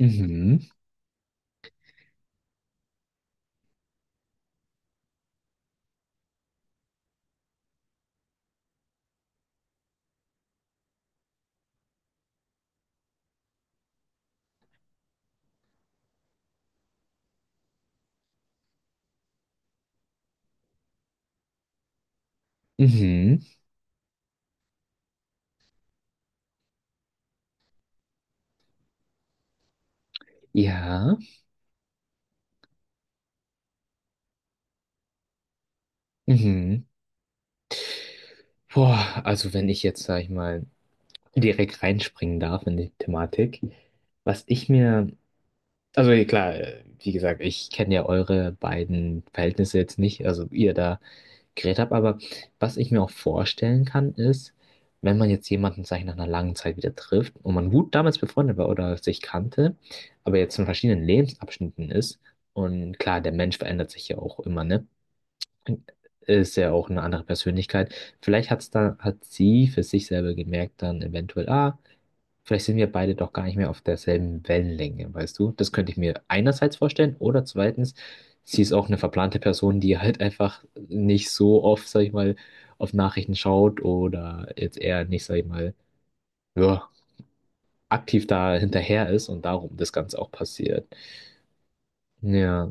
Mhm, mhm, ja, mhm. Boah, also wenn ich jetzt, sag ich mal, direkt reinspringen darf in die Thematik, was ich mir, also ja, klar, wie gesagt, ich kenne ja eure beiden Verhältnisse jetzt nicht, also wie ihr da geredet habt, aber was ich mir auch vorstellen kann, ist, wenn man jetzt jemanden, sag ich, nach einer langen Zeit wieder trifft und man gut damals befreundet war oder sich kannte, aber jetzt in verschiedenen Lebensabschnitten ist und klar, der Mensch verändert sich ja auch immer, ne? Ist ja auch eine andere Persönlichkeit. Vielleicht hat's da, hat sie für sich selber gemerkt, dann eventuell, ah, vielleicht sind wir beide doch gar nicht mehr auf derselben Wellenlänge, weißt du? Das könnte ich mir einerseits vorstellen oder zweitens, sie ist auch eine verplante Person, die halt einfach nicht so oft, sag ich mal, auf Nachrichten schaut oder jetzt eher nicht, sag ich mal, ja, aktiv da hinterher ist und darum das Ganze auch passiert. Ja,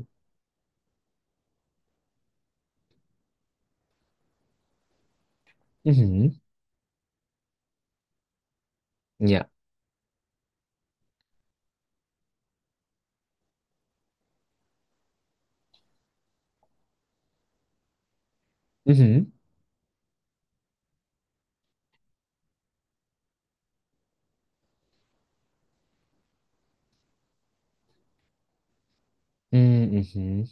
mhm, ja, mhm, mhm, mhm,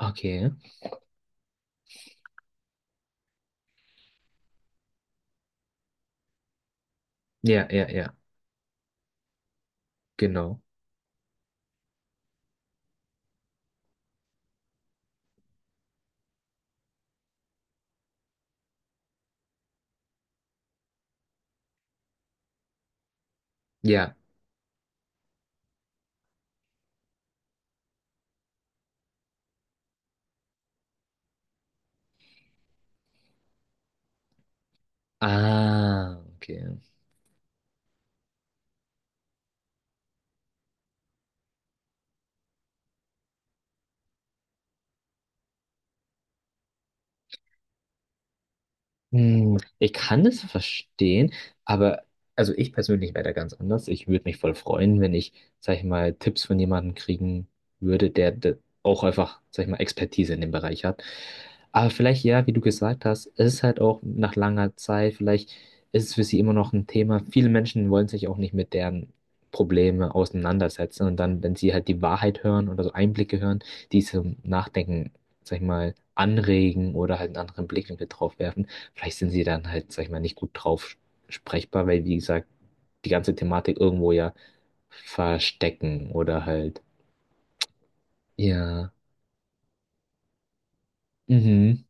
okay, ja, ja, ja. Genau. Ja. Ah, okay. Hm, ich kann das verstehen, aber also ich persönlich wäre da ganz anders. Ich würde mich voll freuen, wenn ich, sag ich mal, Tipps von jemandem kriegen würde, der auch einfach, sag ich mal, Expertise in dem Bereich hat. Aber vielleicht, ja, wie du gesagt hast, es ist halt auch nach langer Zeit, vielleicht ist es für sie immer noch ein Thema. Viele Menschen wollen sich auch nicht mit deren Probleme auseinandersetzen und dann, wenn sie halt die Wahrheit hören oder so Einblicke hören, die zum Nachdenken, sag ich mal, anregen oder halt einen anderen Blickwinkel drauf werfen. Vielleicht sind sie dann halt, sag ich mal, nicht gut drauf sprechbar, weil, wie gesagt, die ganze Thematik irgendwo ja verstecken oder halt, ja, mhm,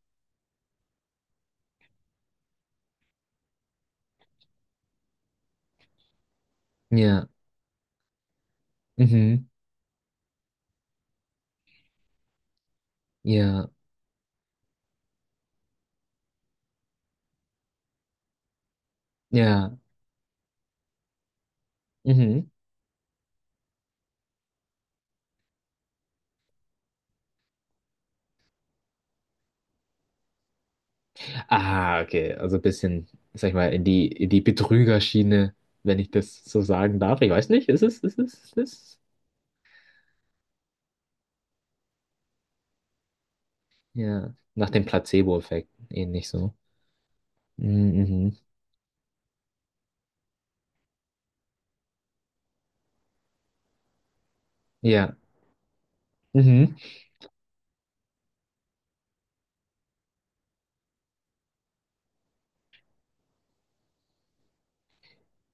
ja, mhm, ja, ja, mhm. Ah, okay, also ein bisschen, sag ich mal, in die Betrügerschiene, wenn ich das so sagen darf. Ich weiß nicht, ist es? Ja, nach dem Placebo-Effekt, ähnlich so. Mhm, mhm, ja, mhm,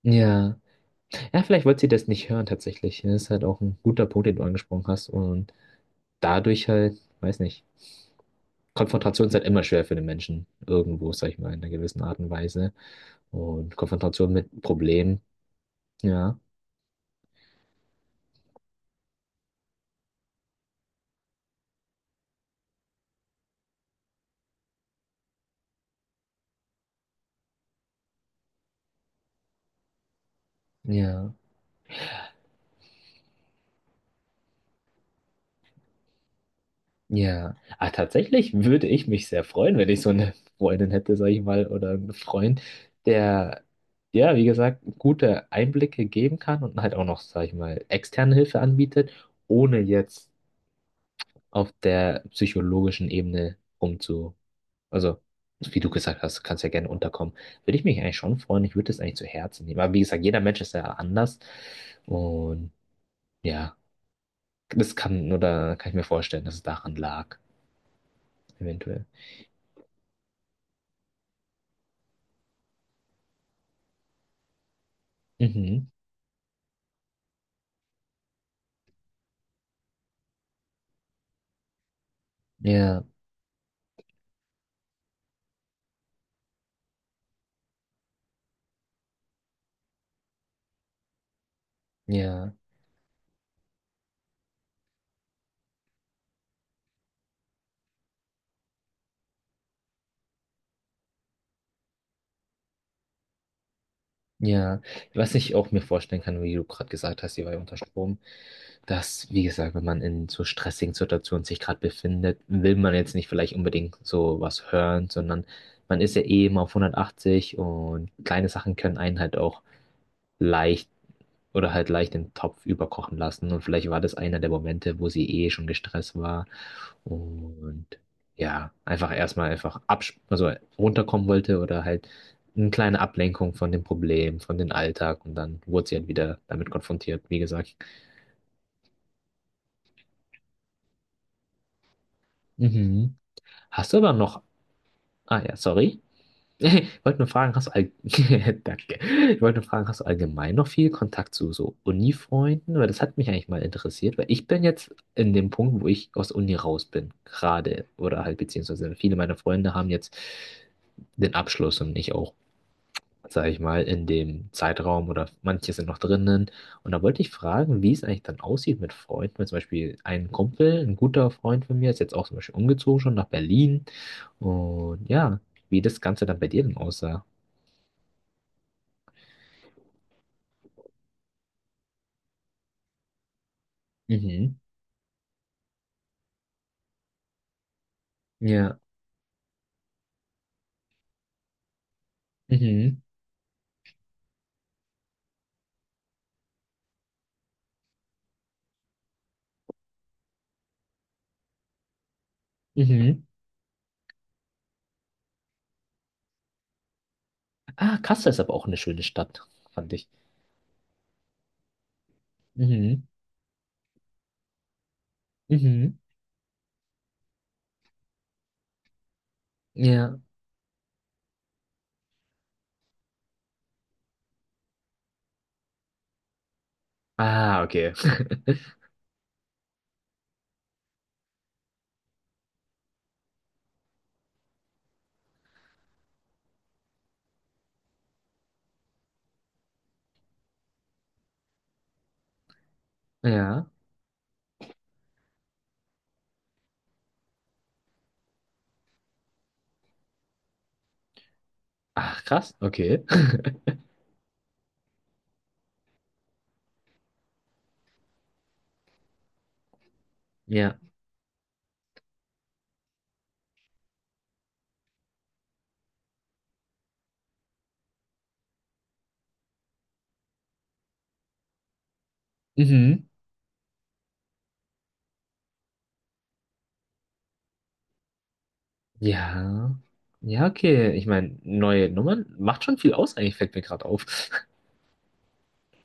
ja. Ja, vielleicht wollte sie das nicht hören tatsächlich. Das ist halt auch ein guter Punkt, den du angesprochen hast. Und dadurch halt, weiß nicht, Konfrontation ist halt immer schwer für den Menschen. Irgendwo, sag ich mal, in einer gewissen Art und Weise. Und Konfrontation mit Problemen, ja. Ja, ja. Ah, tatsächlich würde ich mich sehr freuen, wenn ich so eine Freundin hätte, sag ich mal, oder einen Freund, der, ja, wie gesagt, gute Einblicke geben kann und halt auch noch, sag ich mal, externe Hilfe anbietet, ohne jetzt auf der psychologischen Ebene also wie du gesagt hast, kannst ja gerne unterkommen, würde ich mich eigentlich schon freuen. Ich würde das eigentlich zu Herzen nehmen. Aber wie gesagt, jeder Mensch ist ja anders und ja, das kann oder kann ich mir vorstellen, dass es daran lag, eventuell. Mhm. Ja, ja, ja. Was ich auch mir vorstellen kann, wie du gerade gesagt hast, sie war ja unter Strom. Dass, wie gesagt, wenn man in so stressigen Situationen sich gerade befindet, will man jetzt nicht vielleicht unbedingt so was hören, sondern man ist ja eh immer auf 180 und kleine Sachen können einen halt auch leicht oder halt leicht den Topf überkochen lassen. Und vielleicht war das einer der Momente, wo sie eh schon gestresst war und ja, einfach erstmal einfach absch also runterkommen wollte oder halt eine kleine Ablenkung von dem Problem, von dem Alltag und dann wurde sie halt wieder damit konfrontiert, wie gesagt. Mhm. Hast du aber noch. Ah ja, sorry. Ich wollte nur fragen, hast du all... Danke. Ich wollte nur fragen, hast du allgemein noch viel Kontakt zu so Uni-Freunden? Weil das hat mich eigentlich mal interessiert, weil ich bin jetzt in dem Punkt, wo ich aus Uni raus bin, gerade. Oder halt, beziehungsweise viele meiner Freunde haben jetzt den Abschluss und ich auch, sage ich mal, in dem Zeitraum oder manche sind noch drinnen. Und da wollte ich fragen, wie es eigentlich dann aussieht mit Freunden. Weil zum Beispiel ein Kumpel, ein guter Freund von mir, ist jetzt auch zum Beispiel umgezogen schon nach Berlin. Und ja, wie das Ganze dann bei dir denn aussah. Mhm. Ja. Mhm. Mhm. Ah, Kassel ist aber auch eine schöne Stadt, fand ich. Mhm. Mhm. Ja. Ah, okay. Ja. Ach, krass. Okay. Ja. Mhm. Ja. Ja, okay. Ich meine, neue Nummern macht schon viel aus, eigentlich fällt mir gerade auf.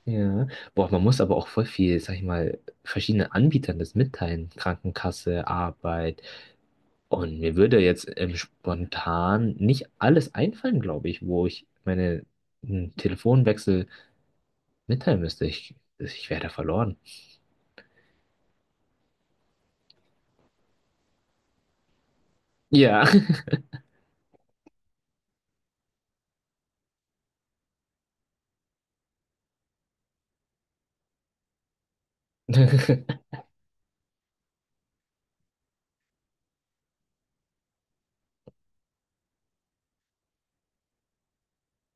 Ja. Boah, man muss aber auch voll viel, sag ich mal, verschiedenen Anbietern das mitteilen. Krankenkasse, Arbeit. Und mir würde jetzt spontan nicht alles einfallen, glaube ich, wo ich meine einen Telefonwechsel mitteilen müsste. Ich wäre da verloren. Ja.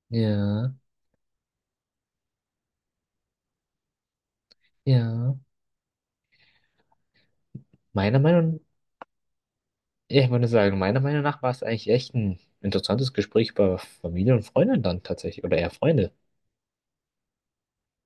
Ja, ja. Meiner Meinung, ja, ich würde sagen, meiner Meinung nach war es eigentlich echt ein interessantes Gespräch über Familie und Freunde dann tatsächlich, oder eher Freunde.